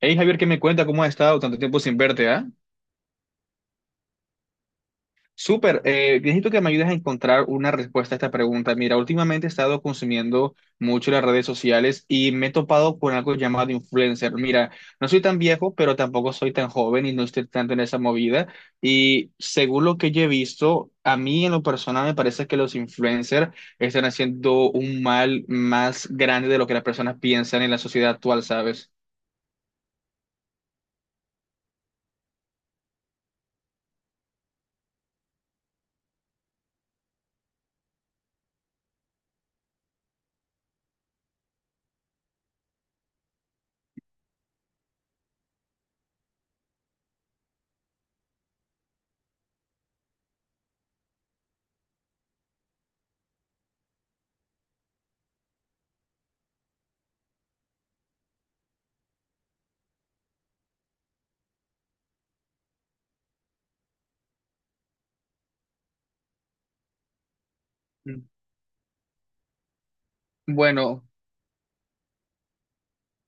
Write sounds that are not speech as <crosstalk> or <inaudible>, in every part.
Hey Javier, ¿qué me cuenta? ¿Cómo has estado tanto tiempo sin verte, ah? Súper, necesito que me ayudes a encontrar una respuesta a esta pregunta. Mira, últimamente he estado consumiendo mucho las redes sociales y me he topado con algo llamado influencer. Mira, no soy tan viejo, pero tampoco soy tan joven y no estoy tanto en esa movida. Y según lo que yo he visto, a mí en lo personal me parece que los influencers están haciendo un mal más grande de lo que las personas piensan en la sociedad actual, ¿sabes? Bueno,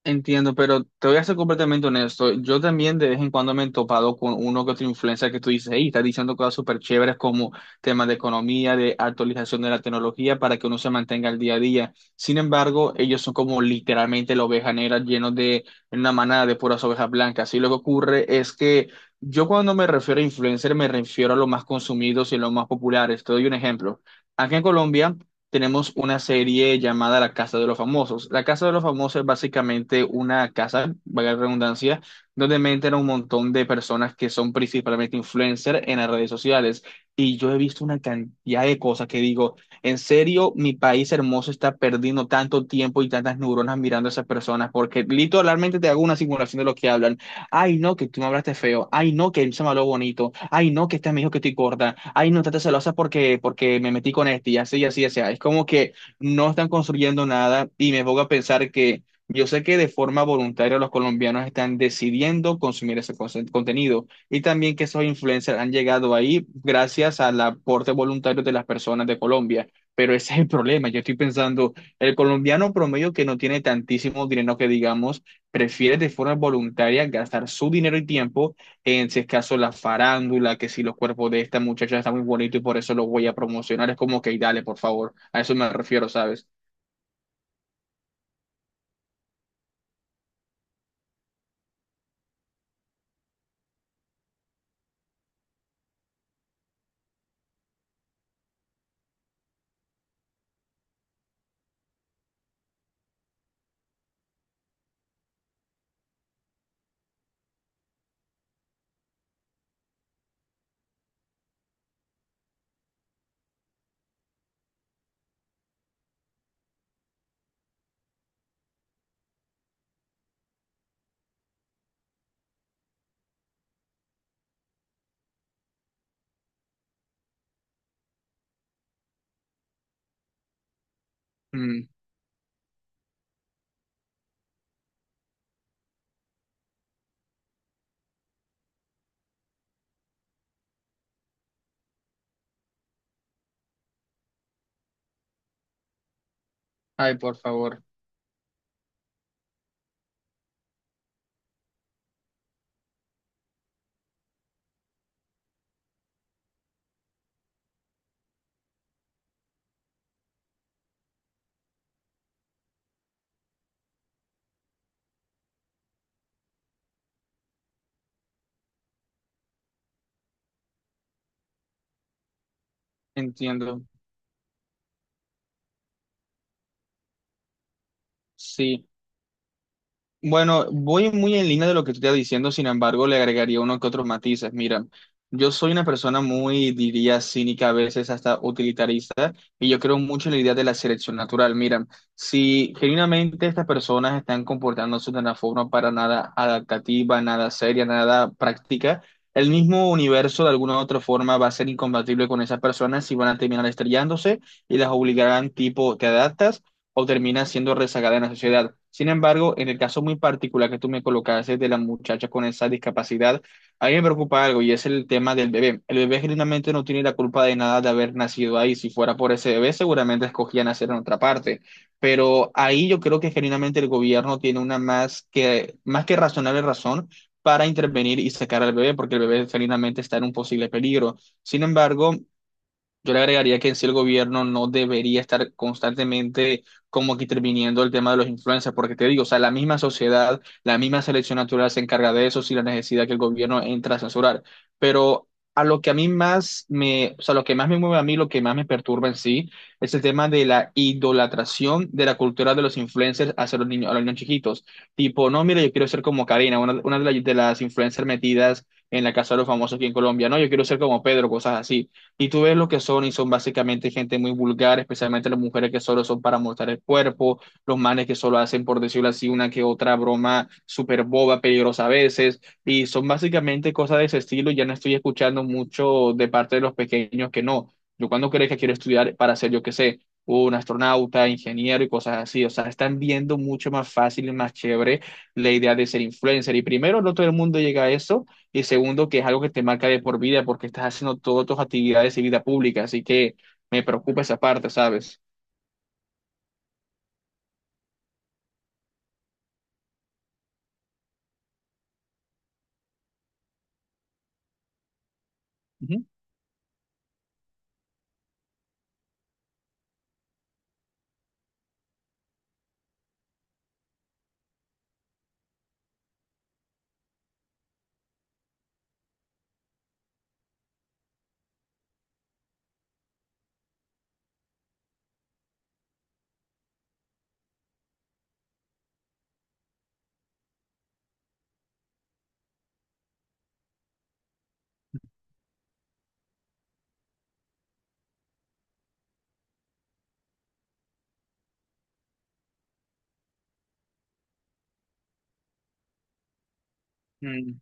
entiendo, pero te voy a ser completamente honesto. Yo también de vez en cuando me he topado con uno que otro influencer que tú dices, hey, está diciendo cosas súper chéveres como temas de economía, de actualización de la tecnología para que uno se mantenga al día a día. Sin embargo, ellos son como literalmente la oveja negra llenos de una manada de puras ovejas blancas. Y lo que ocurre es que yo cuando me refiero a influencer me refiero a los más consumidos y los más populares. Te doy un ejemplo. Aquí en Colombia tenemos una serie llamada La Casa de los Famosos. La Casa de los Famosos es básicamente una casa, valga la redundancia, donde meten a un montón de personas que son principalmente influencers en las redes sociales. Y yo he visto una cantidad de cosas que digo, en serio, mi país hermoso está perdiendo tanto tiempo y tantas neuronas mirando a esas personas, porque literalmente te hago una simulación de lo que hablan. Ay, no, que tú me hablaste feo. Ay, no, que él se me habló bonito. Ay, no, que este me dijo que estoy gorda. Ay, no, estás celosa porque me metí con este. Y así, y así, y así. Es como que no están construyendo nada y me pongo a pensar que yo sé que de forma voluntaria los colombianos están decidiendo consumir ese contenido y también que esos influencers han llegado ahí gracias al aporte voluntario de las personas de Colombia. Pero ese es el problema. Yo estoy pensando, el colombiano promedio que no tiene tantísimo dinero que digamos prefiere de forma voluntaria gastar su dinero y tiempo en, si es caso, la farándula, que si los cuerpos de esta muchacha están muy bonitos y por eso los voy a promocionar. Es como que dale, por favor. A eso me refiero, ¿sabes? Mm. Ay, por favor. Entiendo. Sí. Bueno, voy muy en línea de lo que tú estás diciendo, sin embargo, le agregaría uno que otros matices. Mira, yo soy una persona muy, diría, cínica, a veces hasta utilitarista, y yo creo mucho en la idea de la selección natural. Mira, si genuinamente estas personas están comportándose de una forma para nada adaptativa, nada seria, nada práctica, el mismo universo de alguna u otra forma va a ser incompatible con esas personas y van a terminar estrellándose y las obligarán tipo, te adaptas o termina siendo rezagada en la sociedad. Sin embargo, en el caso muy particular que tú me colocaste de la muchacha con esa discapacidad, a mí me preocupa algo y es el tema del bebé. El bebé genuinamente no tiene la culpa de nada de haber nacido ahí. Si fuera por ese bebé, seguramente escogía nacer en otra parte. Pero ahí yo creo que genuinamente el gobierno tiene una más que razonable razón para intervenir y sacar al bebé, porque el bebé genuinamente está en un posible peligro. Sin embargo, yo le agregaría que en sí el gobierno no debería estar constantemente como que interviniendo el tema de los influencers, porque te digo, o sea, la misma sociedad, la misma selección natural se encarga de eso sin la necesidad que el gobierno entra a censurar. Pero a lo que a o sea, lo que más me mueve a mí, lo que más me perturba en sí, es el tema de la idolatración de la cultura de los influencers hacia los niños, a los niños chiquitos. Tipo, no, mira, yo quiero ser como Karina, las de las influencers metidas en la casa de los famosos aquí en Colombia, no, yo quiero ser como Pedro, cosas así. Y tú ves lo que son y son básicamente gente muy vulgar, especialmente las mujeres que solo son para mostrar el cuerpo, los manes que solo hacen, por decirlo así, una que otra broma súper boba, peligrosa a veces. Y son básicamente cosas de ese estilo. Ya no estoy escuchando mucho de parte de los pequeños que no. Yo cuando crees que quiero estudiar para ser, yo qué sé, un astronauta, ingeniero y cosas así. O sea, están viendo mucho más fácil y más chévere la idea de ser influencer. Y primero no todo el mundo llega a eso. Y segundo, que es algo que te marca de por vida porque estás haciendo todas tus actividades y vida pública. Así que me preocupa esa parte, ¿sabes? Ujú.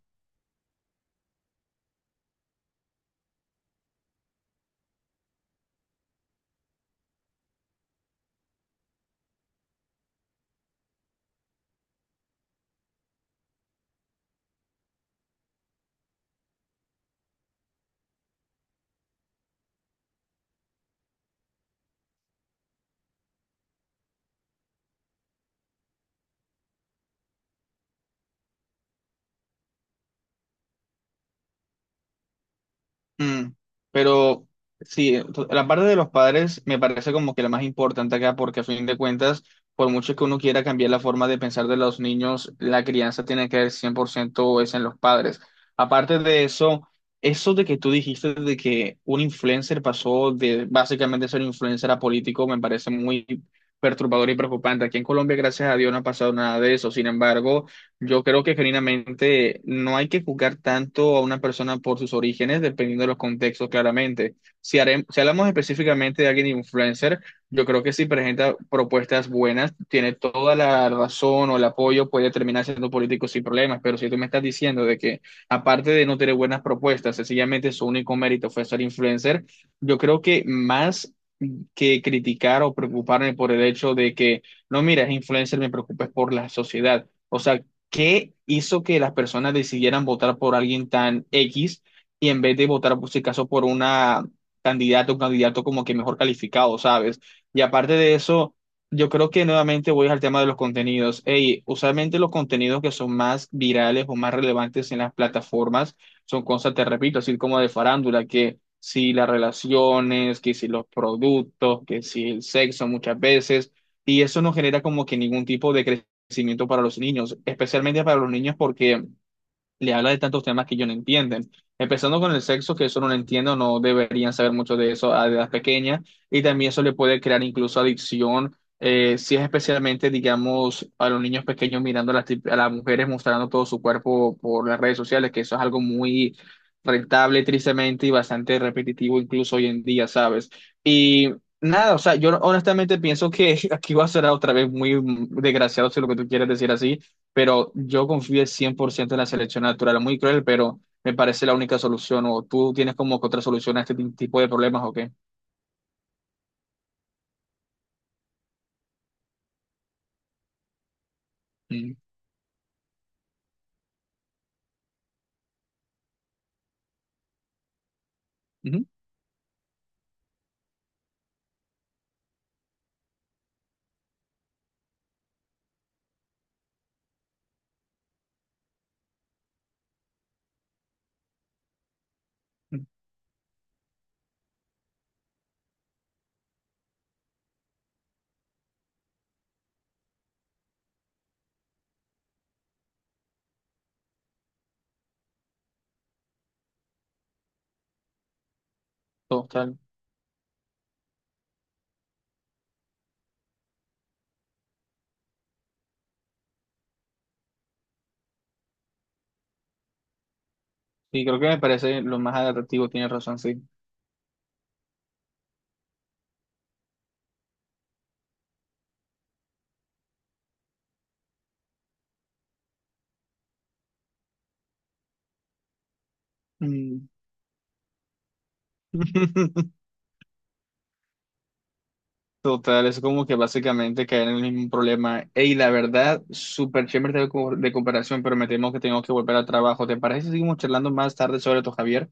Mm, pero sí, la parte de los padres me parece como que la más importante acá, porque a fin de cuentas, por mucho que uno quiera cambiar la forma de pensar de los niños, la crianza tiene que ver 100% es en los padres. Aparte de eso, eso de que tú dijiste de que un influencer pasó de básicamente ser influencer a político, me parece muy perturbador y preocupante. Aquí en Colombia, gracias a Dios, no ha pasado nada de eso. Sin embargo, yo creo que genuinamente no hay que juzgar tanto a una persona por sus orígenes, dependiendo de los contextos, claramente. Si hablamos específicamente de alguien influencer, yo creo que si presenta propuestas buenas, tiene toda la razón o el apoyo, puede terminar siendo político sin problemas. Pero si tú me estás diciendo de que, aparte de no tener buenas propuestas, sencillamente su único mérito fue ser influencer, yo creo que más que criticar o preocuparme por el hecho de que, no, mira, es influencer, me preocupes por la sociedad. O sea, ¿qué hizo que las personas decidieran votar por alguien tan X y en vez de votar, por si caso, por una candidata o candidato como que mejor calificado, ¿sabes? Y aparte de eso, yo creo que nuevamente voy al tema de los contenidos. Ey, usualmente los contenidos que son más virales o más relevantes en las plataformas son cosas, te repito, así como de farándula, que si las relaciones, que si los productos, que si el sexo muchas veces, y eso no genera como que ningún tipo de crecimiento para los niños, especialmente para los niños porque le habla de tantos temas que ellos no entienden. Empezando con el sexo, que eso no lo entiendo, no deberían saber mucho de eso a edad pequeña, y también eso le puede crear incluso adicción, si es especialmente, digamos, a los niños pequeños mirando a a las mujeres mostrando todo su cuerpo por las redes sociales, que eso es algo muy rentable, tristemente, y bastante repetitivo incluso hoy en día, ¿sabes? Y nada, o sea, yo honestamente pienso que <laughs> aquí va a ser otra vez muy desgraciado si lo que tú quieres decir así, pero yo confío al 100% en la selección natural. Muy cruel, pero me parece la única solución. ¿O tú tienes como que otra solución a este tipo de problemas o qué? Mm. Ujú. Mm. Total. Y creo que me parece lo más adaptativo, tienes razón, sí. Mm. <laughs> Total, es como que básicamente caer en el mismo problema. Ey, la verdad, súper chévere de, de comparación, pero me temo que tengo que volver al trabajo. ¿Te parece si seguimos charlando más tarde sobre esto, Javier?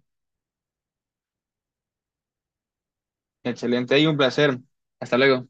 Excelente, y un placer. Hasta luego.